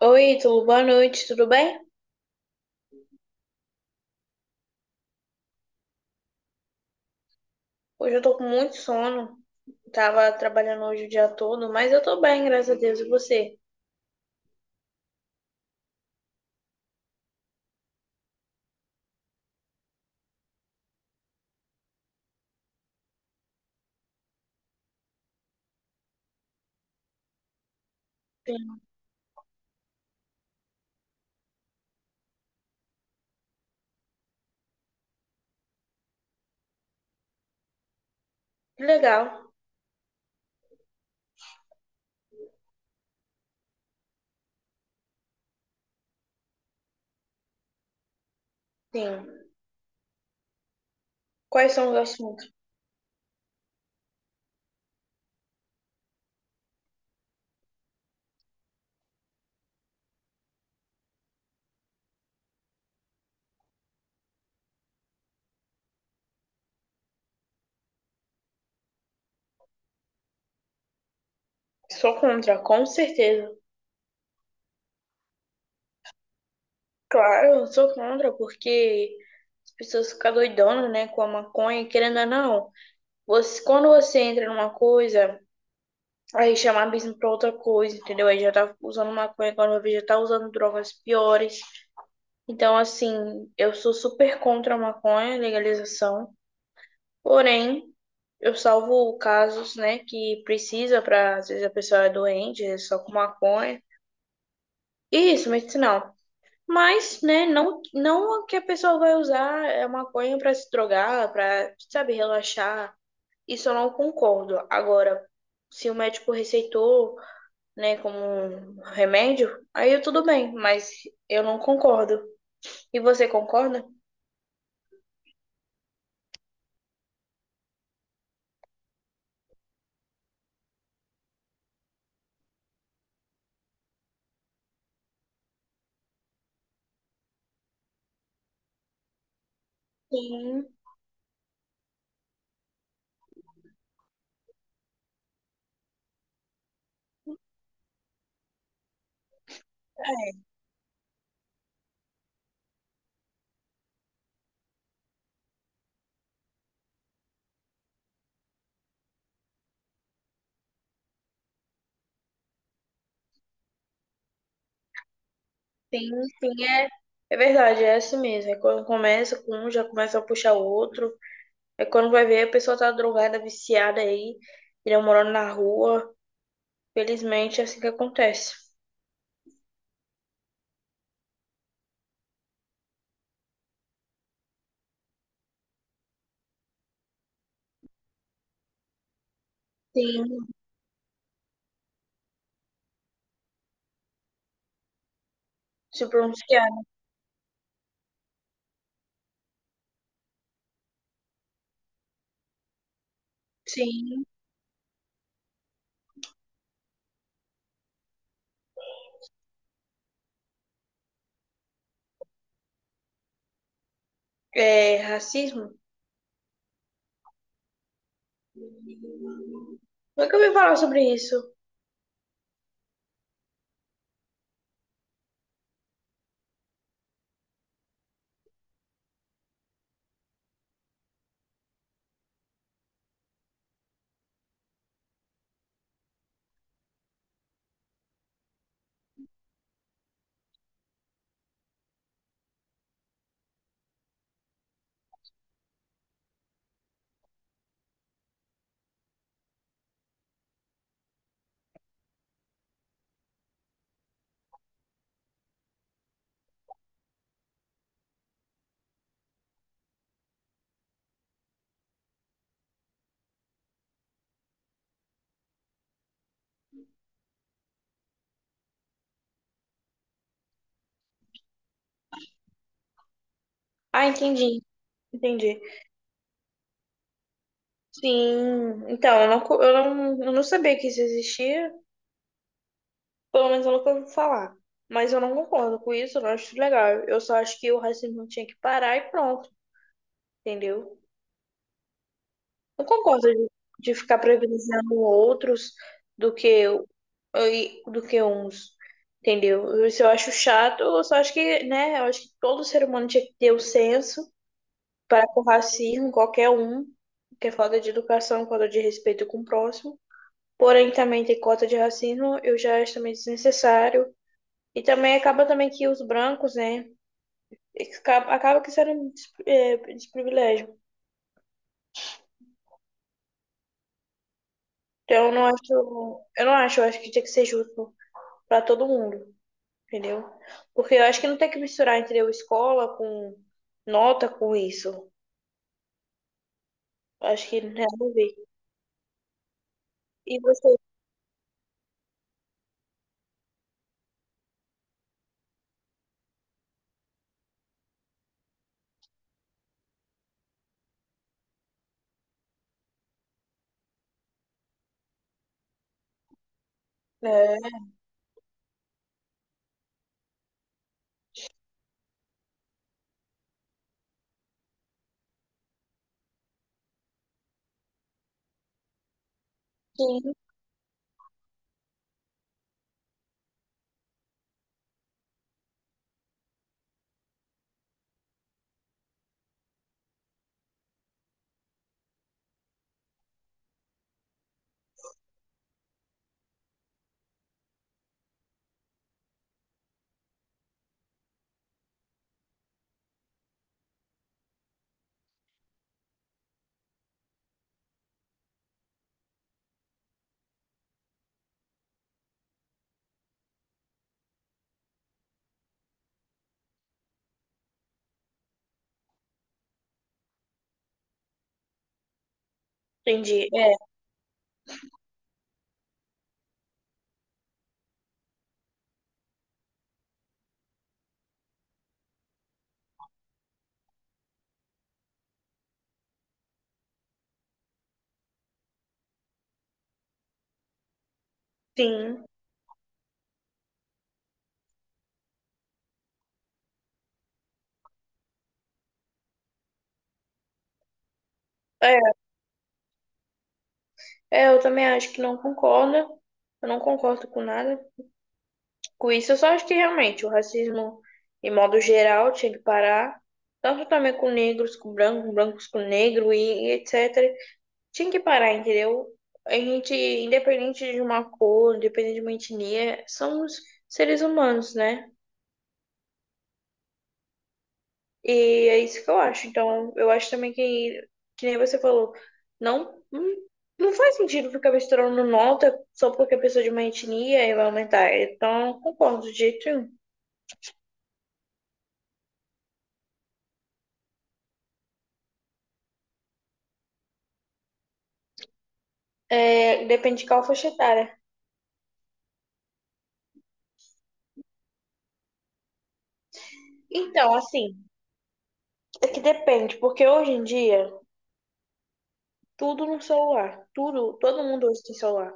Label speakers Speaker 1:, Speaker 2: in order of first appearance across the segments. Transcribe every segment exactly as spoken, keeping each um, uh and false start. Speaker 1: Oi, Ítalo, boa noite, tudo bem? Hoje eu tô com muito sono. Tava trabalhando hoje o dia todo, mas eu tô bem, graças a Deus. E você? Sim. Que legal. Sim. Quais são os assuntos? Sou contra, com certeza. Claro, eu sou contra, porque as pessoas ficam doidonas, né, com a maconha, querendo ou não. Você, quando você entra numa coisa, aí chama abismo pra outra coisa, entendeu? Aí já tá usando maconha, quando eu vejo, já tá usando drogas piores. Então, assim, eu sou super contra a maconha, legalização. Porém, eu salvo casos, né, que precisa para, às vezes a pessoa é doente, é só com maconha. E isso, medicinal. Mas, né, não não que a pessoa vai usar a maconha para se drogar, para, sabe, relaxar. Isso eu não concordo. Agora, se o médico receitou, né, como um remédio, aí tudo bem, mas eu não concordo. E você concorda? Sim. Sim, sim, é, é verdade, é assim mesmo. É quando começa com um, já começa a puxar o outro. É quando vai ver, a pessoa tá drogada, viciada aí, ele morando na rua. Felizmente, é assim que acontece. Sim, se pronunciar. Sim, é racismo? Nunca ouvi falar sobre isso. Ah, entendi, entendi. Sim, então, eu não, co- eu não, eu não sabia que isso existia, pelo menos eu nunca ouvi falar. Mas eu não concordo com isso, eu não acho legal. Eu só acho que o racismo tinha que parar e pronto, entendeu? Eu concordo de, de ficar privilegiando outros do que o- e- do que uns, entendeu? Isso eu acho chato, eu só acho que, né, eu acho que todo ser humano tinha que ter o senso para com o racismo, qualquer um, que é falta de educação, falta de respeito com o próximo. Porém, também tem cota de racismo, eu já acho também desnecessário. E também acaba também que os brancos, né, acaba, acaba que serem des- é, desprivilégio. Então, eu não acho, eu não acho, eu acho que tinha que ser justo para todo mundo, entendeu? Porque eu acho que não tem que misturar, entendeu? Escola com nota com isso. Acho que não tem nada a ver. E você? É, sim, entendi. É, sim. É, é, eu também acho que não concordo. Eu não concordo com nada. Com isso, eu só acho que realmente o racismo, em modo geral, tinha que parar. Tanto também com negros, com brancos, brancos com negro e, e et cetera. Tinha que parar, entendeu? A gente, independente de uma cor, independente de uma etnia, somos seres humanos, né? E é isso que eu acho. Então, eu acho também que, que nem você falou, não, não não faz sentido ficar misturando nota só porque a pessoa é de uma etnia e vai aumentar. Então, concordo, de jeito nenhum. É, depende de qual faixa etária. Então, assim, é que depende, porque hoje em dia, tudo no celular. Tudo, todo mundo hoje tem celular.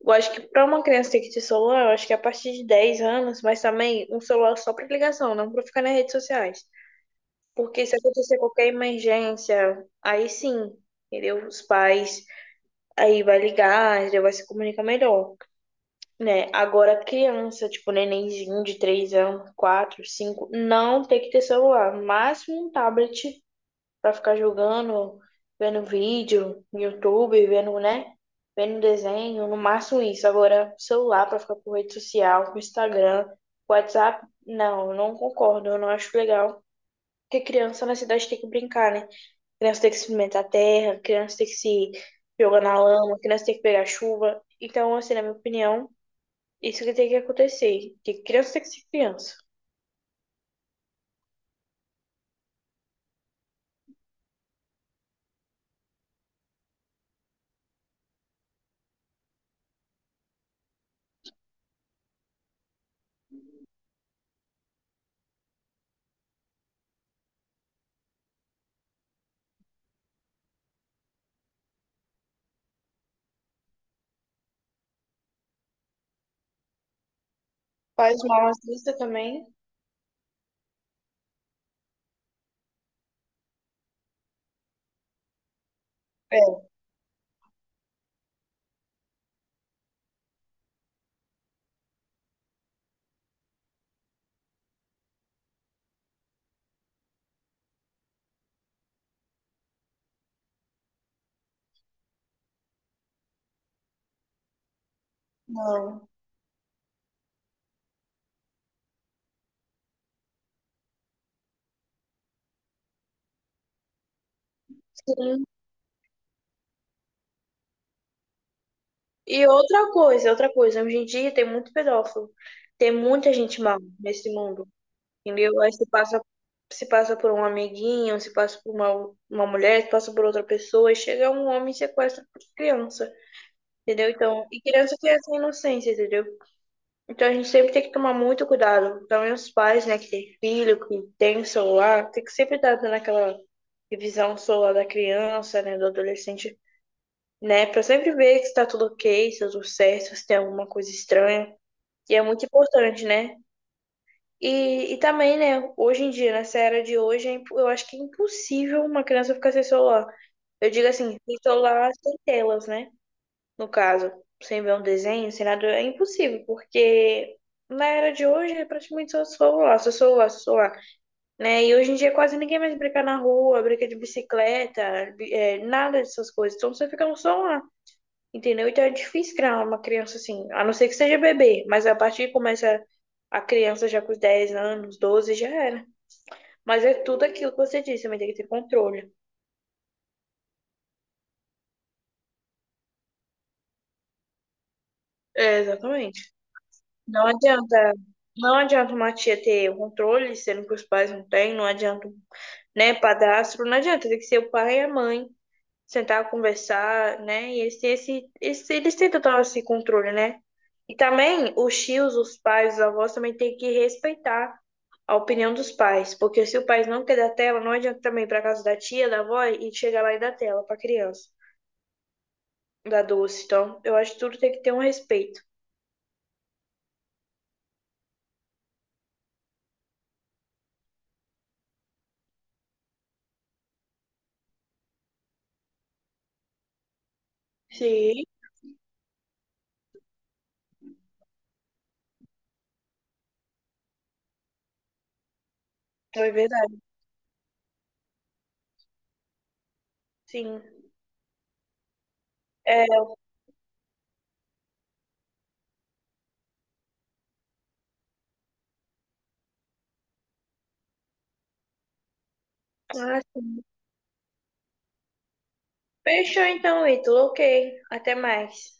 Speaker 1: Eu acho que para uma criança ter que ter celular, eu acho que é a partir de dez anos, mas também um celular só para ligação, não para ficar nas redes sociais. Porque se acontecer qualquer emergência, aí sim, entendeu? Os pais aí vai ligar, já vai se comunicar melhor, né? Agora criança, tipo nenenzinho de três anos, quatro cinco não tem que ter celular, máximo um tablet pra ficar jogando, vendo vídeo no YouTube, vendo, né? Vendo desenho, no máximo isso. Agora, celular pra ficar com rede social, com Instagram, com WhatsApp, não, eu não concordo, eu não acho legal. Porque criança na cidade tem que brincar, né? Criança tem que experimentar a terra, criança tem que se jogar na lama, criança tem que pegar chuva. Então, assim, na minha opinião, isso que tem que acontecer. Que criança tem que ser criança. Faz mal às vistas também. É. Não. Sim, e outra coisa, outra coisa, hoje em dia tem muito pedófilo, tem muita gente mal nesse mundo, entendeu? Aí se passa, se passa por um amiguinho, se passa por uma, uma mulher, se passa por outra pessoa, e chega um homem e sequestra criança, entendeu? Então, e criança tem essa inocência, entendeu? Então a gente sempre tem que tomar muito cuidado, também os pais, né, que tem filho, que tem celular, tem que sempre estar dando aquela revisão celular da criança, né, do adolescente né? Pra sempre ver se tá tudo ok, se tá tudo certo, se tem alguma coisa estranha. E é muito importante, né? E, e também, né, hoje em dia, nessa era de hoje, é impo- eu acho que é impossível uma criança ficar sem celular. Eu digo assim, sem celular, sem telas, né? No caso, sem ver um desenho, sem nada, é impossível, porque na era de hoje é praticamente só celular, só celular, só celular, né? E hoje em dia quase ninguém mais brinca na rua, brinca de bicicleta, bi- é, nada dessas coisas. Então você fica no celular. Entendeu? Então é difícil criar uma criança assim, a não ser que seja bebê, mas a partir que começa a criança já com os dez anos, doze já era. Mas é tudo aquilo que você disse, também tem que ter controle. É, exatamente. Não adianta, não adianta uma tia ter o controle, sendo que os pais não têm, não adianta, né, padrasto, não adianta, tem que ser o pai e a mãe, sentar, conversar, né, e esse, esse, esse, eles têm total esse controle, né? E também os tios, os pais, os avós também têm que respeitar a opinião dos pais, porque se o pai não quer dar tela, não adianta também ir para casa da tia, da avó e chegar lá e dar tela para criança, dar doce. Então, eu acho que tudo tem que ter um respeito. Sim, é verdade. Sim. É, ah, sim. Fechou então, Ítalo. Ok. Até mais.